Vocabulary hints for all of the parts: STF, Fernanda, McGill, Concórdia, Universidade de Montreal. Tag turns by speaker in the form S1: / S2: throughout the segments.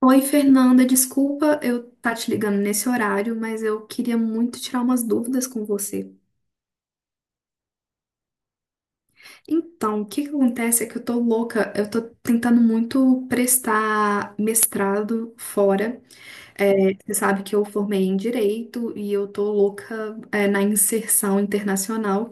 S1: Oi, Fernanda, desculpa eu estar te ligando nesse horário, mas eu queria muito tirar umas dúvidas com você. Então, o que que acontece é que eu tô louca, eu tô tentando muito prestar mestrado fora. Você sabe que eu formei em direito e eu tô louca, na inserção internacional.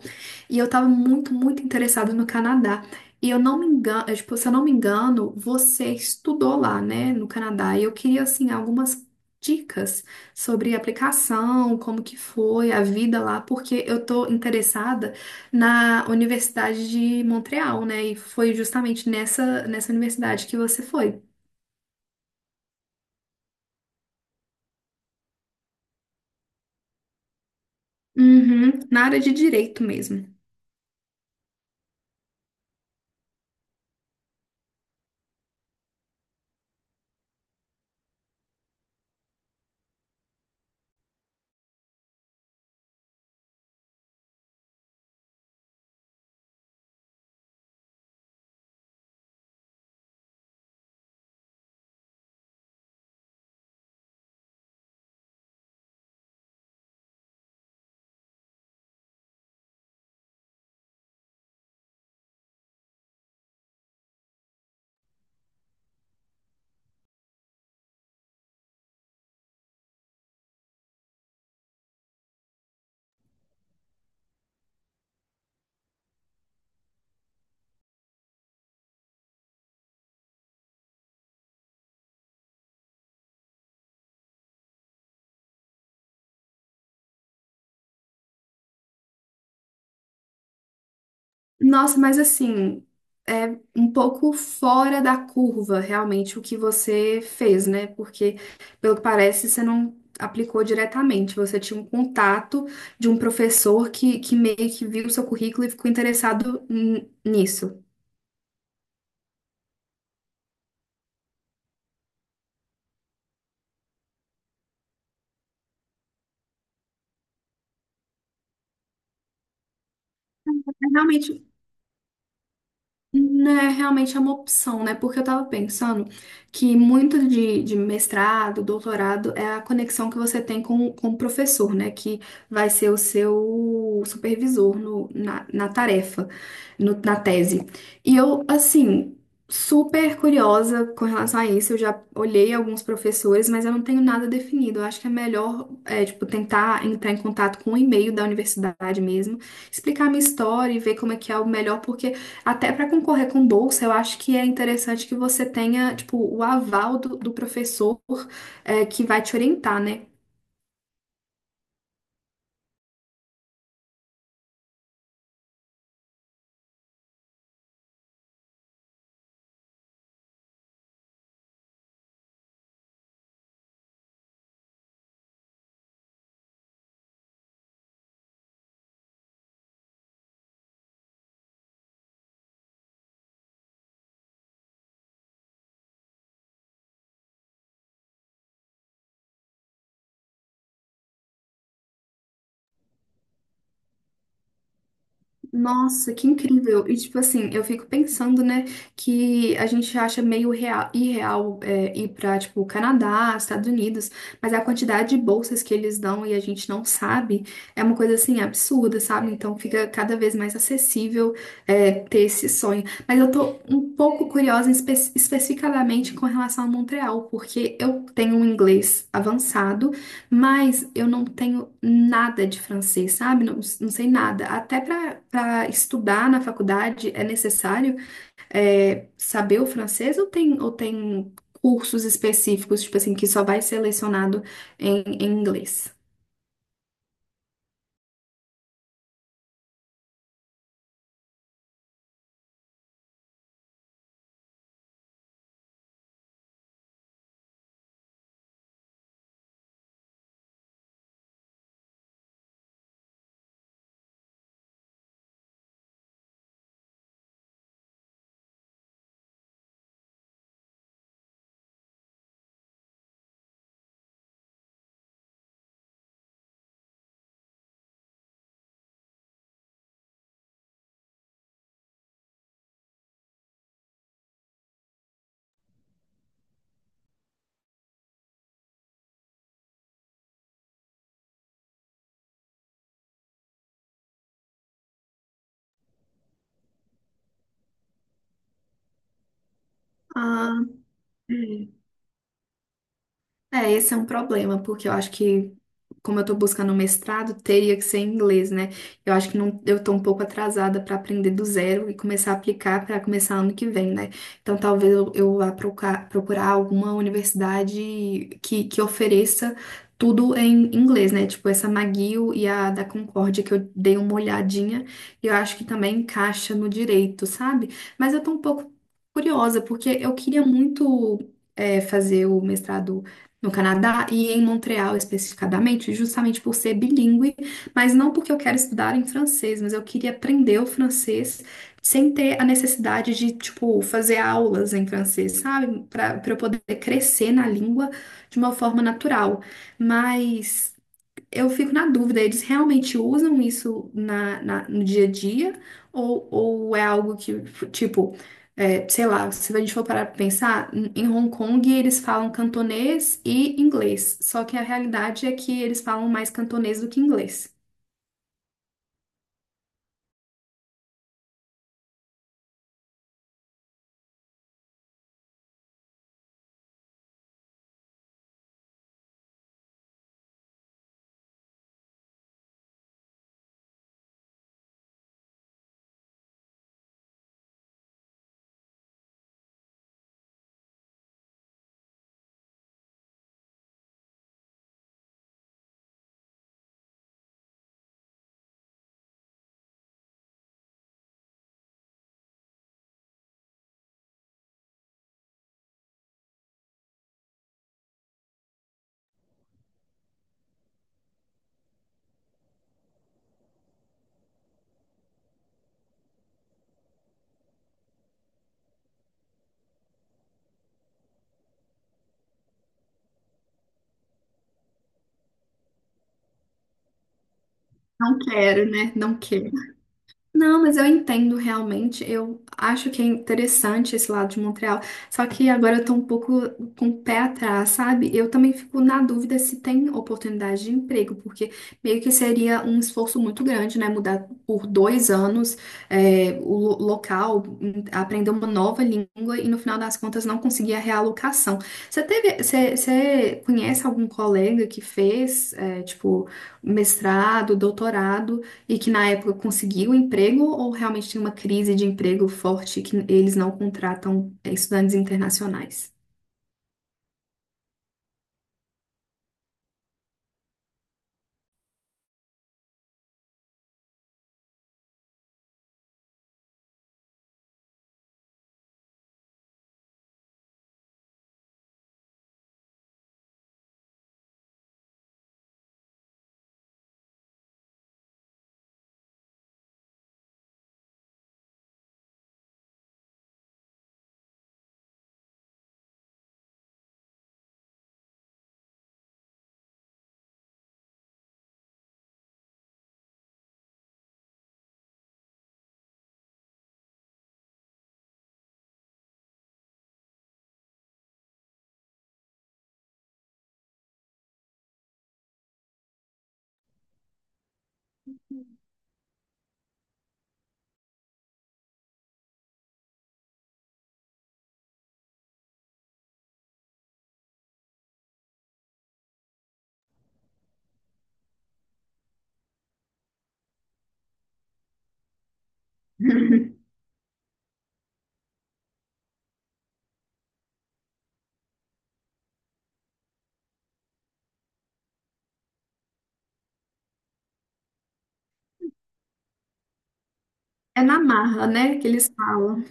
S1: E eu tava muito interessada no Canadá. E eu não me engano, é, tipo, Se eu não me engano, você estudou lá, né, no Canadá. E eu queria, assim, algumas dicas sobre a aplicação, como que foi a vida lá, porque eu tô interessada na Universidade de Montreal, né? E foi justamente nessa universidade que você foi. Uhum, na área de direito mesmo. Nossa, mas assim, é um pouco fora da curva realmente o que você fez, né? Porque, pelo que parece, você não aplicou diretamente. Você tinha um contato de um professor que meio que viu o seu currículo e ficou interessado nisso. É. Realmente. Não, é realmente é uma opção, né? Porque eu tava pensando que muito de mestrado, doutorado, é a conexão que você tem com o professor, né? Que vai ser o seu supervisor na tarefa, na tese. E eu, assim, super curiosa com relação a isso. Eu já olhei alguns professores, mas eu não tenho nada definido. Eu acho que é melhor, é, tipo, tentar entrar em contato com o e-mail da universidade mesmo, explicar a minha história e ver como é que é o melhor, porque. Até para concorrer com bolsa, eu acho que é interessante que você tenha, tipo, o aval do professor, é, que vai te orientar, né? Nossa, que incrível! E tipo assim, eu fico pensando, né, que a gente acha meio real, irreal é, ir pra, tipo, Canadá, Estados Unidos, mas a quantidade de bolsas que eles dão e a gente não sabe é uma coisa assim absurda, sabe? Então fica cada vez mais acessível é, ter esse sonho. Mas eu tô um pouco curiosa especificadamente com relação a Montreal, porque eu tenho um inglês avançado. Mas eu não tenho nada de francês, sabe? Não, não sei nada. Até para estudar na faculdade é necessário, é, saber o francês ou tem cursos específicos, tipo assim, que só vai ser lecionado em inglês? Ah, é, esse é um problema, porque eu acho que, como eu tô buscando um mestrado, teria que ser em inglês, né? Eu acho que não, eu tô um pouco atrasada para aprender do zero e começar a aplicar para começar ano que vem, né? Então talvez eu vá procurar alguma universidade que ofereça tudo em inglês, né? Tipo essa McGill e a da Concórdia, que eu dei uma olhadinha, e eu acho que também encaixa no direito, sabe? Mas eu tô um pouco curiosa, porque eu queria muito, é, fazer o mestrado no Canadá e em Montreal especificadamente, justamente por ser bilíngue, mas não porque eu quero estudar em francês, mas eu queria aprender o francês sem ter a necessidade de, tipo, fazer aulas em francês, sabe? Para eu poder crescer na língua de uma forma natural. Mas eu fico na dúvida, eles realmente usam isso na, no dia a dia? Ou é algo que, tipo, é, sei lá, se a gente for parar pra pensar, em Hong Kong eles falam cantonês e inglês. Só que a realidade é que eles falam mais cantonês do que inglês. Não quero, né? Não quero. Não, mas eu entendo realmente. Eu acho que é interessante esse lado de Montreal. Só que agora eu tô um pouco com o pé atrás, sabe? Eu também fico na dúvida se tem oportunidade de emprego, porque meio que seria um esforço muito grande, né? Mudar por dois anos, é, o local, aprender uma nova língua e no final das contas não conseguir a realocação. Você conhece algum colega que fez, é, tipo, mestrado, doutorado? E que na época conseguiu um emprego ou realmente tem uma crise de emprego forte que eles não contratam, é, estudantes internacionais? É na marra, né, que eles falam.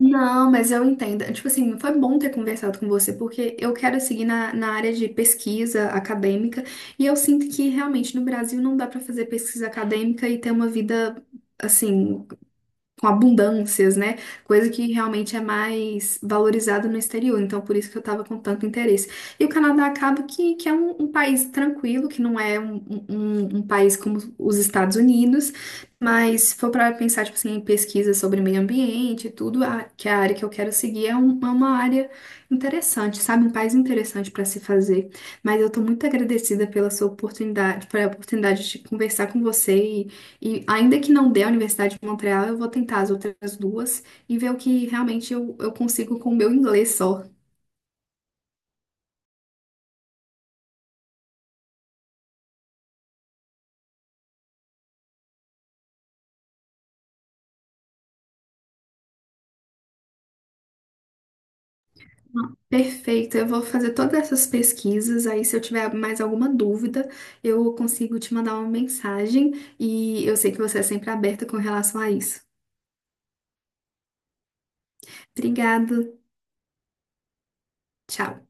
S1: Não, mas eu entendo. Tipo assim, foi bom ter conversado com você, porque eu quero seguir na, na área de pesquisa acadêmica, e eu sinto que realmente no Brasil não dá para fazer pesquisa acadêmica e ter uma vida, assim, com abundâncias, né? Coisa que realmente é mais valorizada no exterior. Então, por isso que eu tava com tanto interesse. E o Canadá acaba que é um, um país tranquilo, que não é um, um país como os Estados Unidos, mas se for para pensar, tipo assim, em pesquisa sobre meio ambiente e tudo, que é a área que eu quero seguir é, é uma área interessante, sabe? Um país interessante para se fazer. Mas eu tô muito agradecida pela sua oportunidade, pela oportunidade de conversar com você e ainda que não dê a Universidade de Montreal, eu vou tentar as outras duas e ver o que realmente eu consigo com o meu inglês só. Perfeito, eu vou fazer todas essas pesquisas. Aí, se eu tiver mais alguma dúvida, eu consigo te mandar uma mensagem. E eu sei que você é sempre aberta com relação a isso. Obrigada, tchau.